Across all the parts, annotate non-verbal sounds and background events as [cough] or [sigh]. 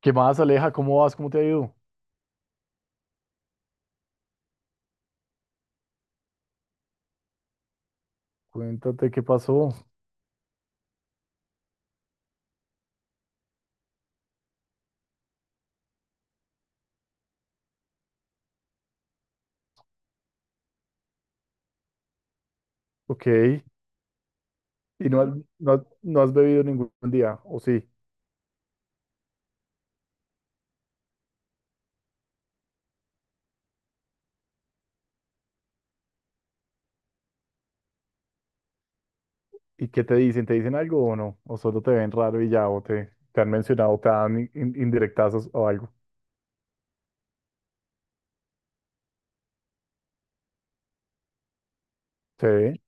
¿Qué más, Aleja? ¿Cómo vas? ¿Cómo te ha ido? Cuéntate qué pasó. Ok. ¿Y no has, no has bebido ningún día? ¿O sí? ¿Y qué te dicen? ¿Te dicen algo o no? ¿O solo te ven raro y ya? ¿O te han mencionado, te dan indirectazos o algo? Sí.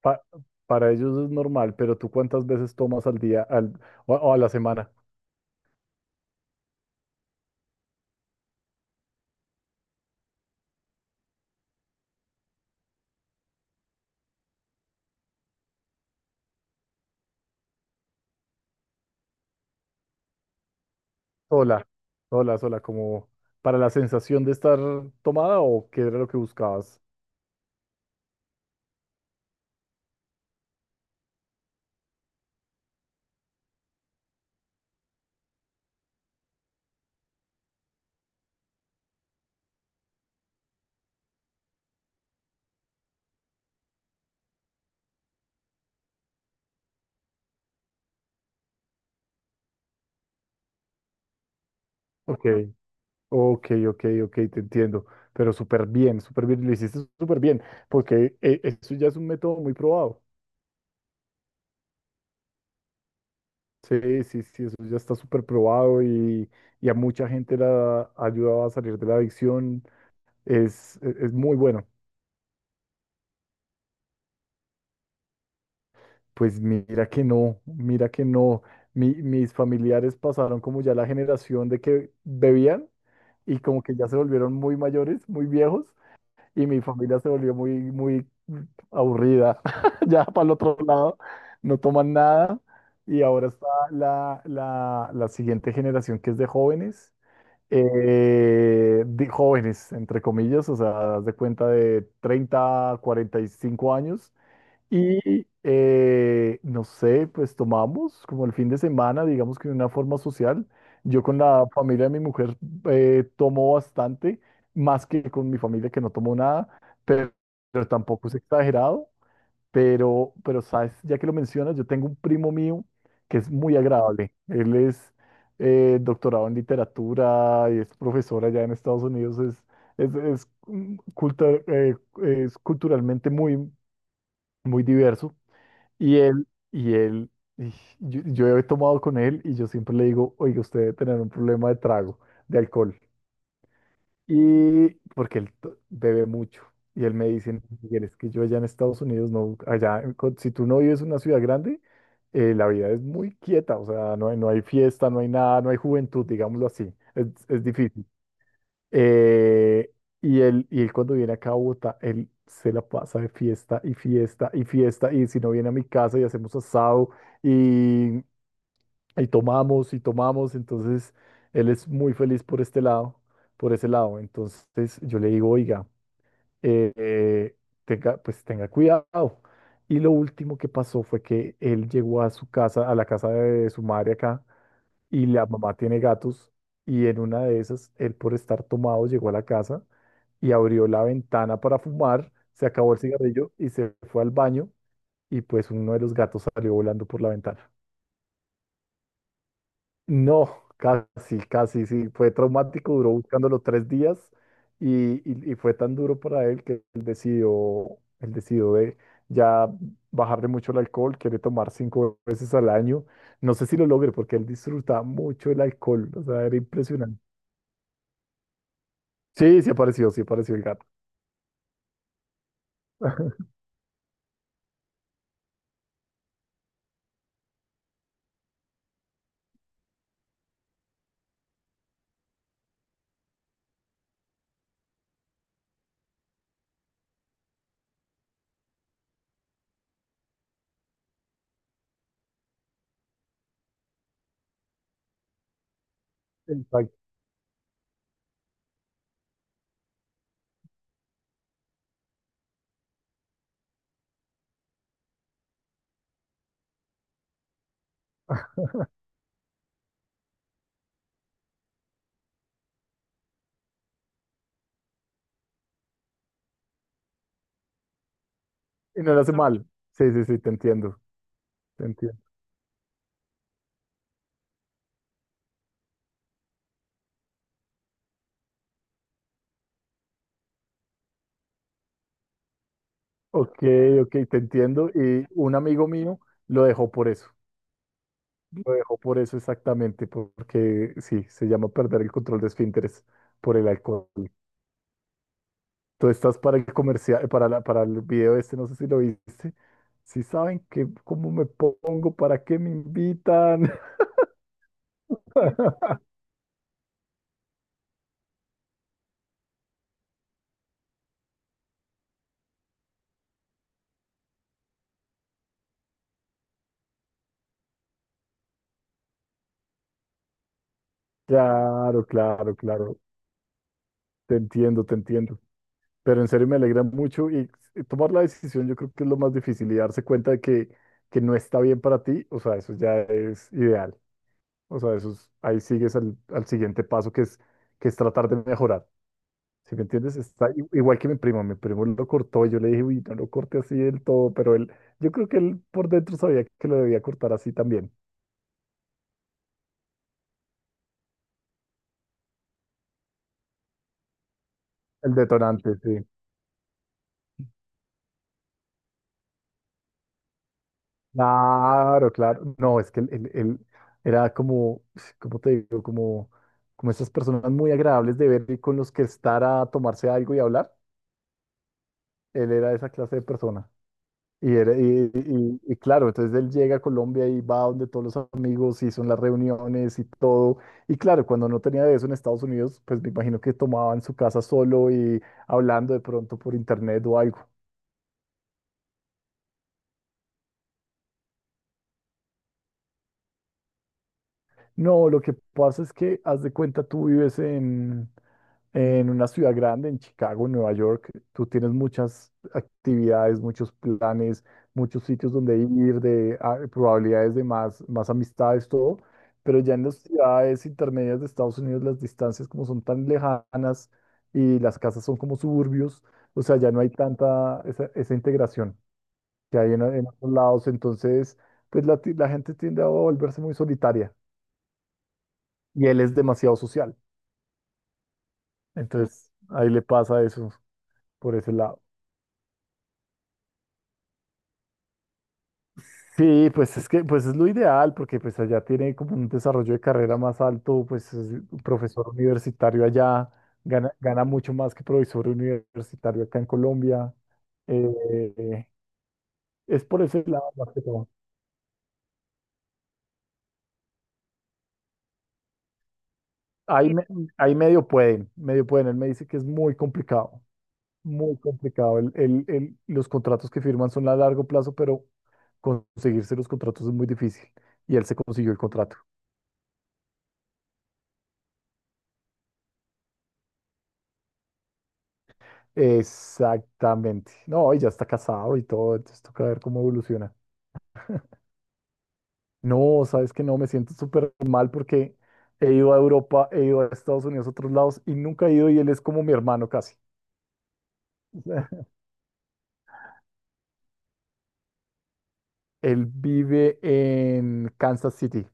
Pa- para ellos es normal, pero ¿tú cuántas veces tomas al día al, o a la semana? Sola, sola, sola, como para la sensación de estar tomada o qué era lo que buscabas? Ok. Ok, ok, ok, te entiendo, pero súper bien, lo hiciste súper bien, porque eso ya es un método muy probado. Sí, sí, sí, eso ya está súper probado y a mucha gente la ha ayudado a salir de la adicción, es, es muy bueno. Pues mira que no, mira que no. Mis familiares pasaron como ya la generación de que bebían y como que ya se volvieron muy mayores, muy viejos y mi familia se volvió muy, muy aburrida. [laughs] Ya para el otro lado, no toman nada. Y ahora está la, la, la siguiente generación que es de jóvenes, entre comillas, o sea, haz de cuenta de 30-45 años, y no sé, pues tomamos como el fin de semana, digamos que de una forma social. Yo con la familia de mi mujer tomo bastante, más que con mi familia que no tomo nada, pero, pero tampoco es exagerado. Pero, sabes, ya que lo mencionas, yo tengo un primo mío que es muy agradable. Él es doctorado en literatura y es profesor allá en Estados Unidos. Es, es culturalmente muy, muy diverso y él, y él, y yo he tomado con él y yo siempre le digo, oiga, usted debe tener un problema de trago, de alcohol. Y porque bebe mucho. Y él me dice: "No, Miguel, es que yo allá en Estados Unidos, no, allá, en si tú no vives en una ciudad grande, la vida es muy quieta, o sea, no hay, no hay fiesta, no hay nada, no hay juventud, digámoslo así. Es difícil. Eh, y él cuando viene acá a Bogotá, él se la pasa de fiesta y fiesta y fiesta. Y si no viene a mi casa y hacemos asado y, y tomamos y tomamos. Entonces, él es muy feliz por este lado, por ese lado. Entonces, yo le digo, oiga, eh, eh, tenga, pues tenga cuidado. Y lo último que pasó fue que él llegó a su casa, a la casa de su madre acá y la mamá tiene gatos y en una de esas, él por estar tomado llegó a la casa y abrió la ventana para fumar, se acabó el cigarrillo y se fue al baño y pues uno de los gatos salió volando por la ventana. No, casi, casi, sí, fue traumático, duró buscándolo 3 días y fue tan duro para él que él decidió de ya bajarle mucho el alcohol, quiere tomar 5 veces al año. No sé si lo logre porque él disfrutaba mucho el alcohol, o sea, era impresionante. Sí, sí apareció el gato. Exacto. Y no le hace No. mal. Sí, sí, sí, te entiendo. Te entiendo. Ok, ok, te entiendo. Y un amigo mío lo dejó por eso. Lo dejó por eso exactamente, porque sí, se llama perder el control de esfínteres por el alcohol. Tú estás para el comercial, para el video este, no sé si lo viste. Si saben que cómo me pongo, para qué me invitan. [laughs] Claro, claro, claro. Te entiendo, te entiendo. Pero en serio me alegra mucho y tomar la decisión yo creo que es lo más difícil y darse cuenta de que no está bien para ti, o sea, eso ya es ideal, o sea, ahí sigues al, al siguiente paso que es tratar de mejorar, ¿sí me entiendes? Está igual que mi primo lo cortó, y yo le dije, uy, no lo corte así del todo, pero él, yo creo que él por dentro sabía que lo debía cortar así también, el detonante, sí. Claro, claro. No, es que él, él era como, ¿cómo te digo? Como, como esas personas muy agradables de ver y con los que estar a tomarse algo y hablar. Él era esa clase de persona. Y, era, y, y claro, entonces él llega a Colombia y va donde todos los amigos y son las reuniones y todo. Y claro, cuando no tenía de eso en Estados Unidos, pues me imagino que tomaba en su casa solo y hablando de pronto por internet o algo. No, lo que pasa es que, haz de cuenta, tú vives en... En una ciudad grande, en Chicago, en Nueva York, tú tienes muchas actividades, muchos planes, muchos sitios donde ir, de ah, probabilidades de más, más amistades, todo. Pero ya en las ciudades intermedias de Estados Unidos, las distancias como son tan lejanas y las casas son como suburbios, o sea, ya no hay tanta esa, esa integración que hay en otros lados. Entonces, pues la, la gente tiende a volverse muy solitaria y él es demasiado social. Entonces, ahí le pasa eso por ese lado. Sí, pues es que pues es lo ideal porque pues allá tiene como un desarrollo de carrera más alto, pues es un profesor universitario allá, gana, gana mucho más que profesor universitario acá en Colombia. Eh, es por ese lado más que todo. Ahí, me- ahí medio pueden, medio pueden. Él me dice que es muy complicado, muy complicado. Los contratos que firman son a largo plazo, pero conseguirse los contratos es muy difícil. Y él se consiguió el contrato. Exactamente. No, y ya está casado y todo, entonces toca ver cómo evoluciona. No, sabes que no, me siento súper mal porque he ido a Europa, he ido a Estados Unidos, a otros lados y nunca he ido y él es como mi hermano casi. [laughs] Él vive en Kansas City.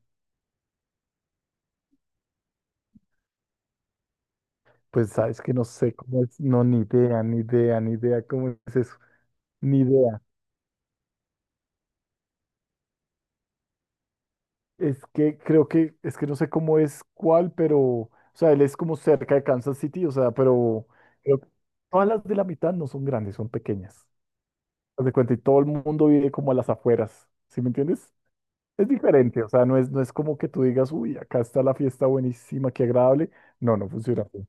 Pues sabes que no sé cómo es, no, ni idea, ni idea, ni idea cómo es eso, ni idea. Es que creo que, es que no sé cómo es cuál, pero, o sea, él es como cerca de Kansas City, o sea, pero creo que todas las de la mitad no son grandes, son pequeñas. Haz de cuenta, y todo el mundo vive como a las afueras, ¿sí me entiendes? Es diferente, o sea, no es, no es como que tú digas, uy, acá está la fiesta buenísima, qué agradable. No, no funciona así.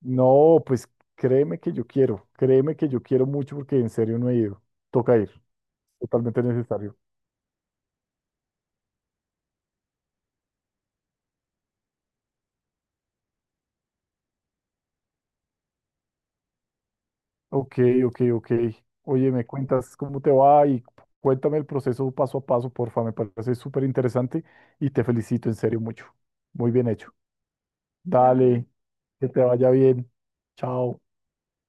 No, pues créeme que yo quiero, créeme que yo quiero mucho porque en serio no he ido. Toca ir, totalmente necesario. Ok, ok, ok. Oye, me cuentas cómo te va y cuéntame el proceso paso a paso, porfa. Me parece súper interesante y te felicito en serio mucho. Muy bien hecho. Dale, que te vaya bien. Chao.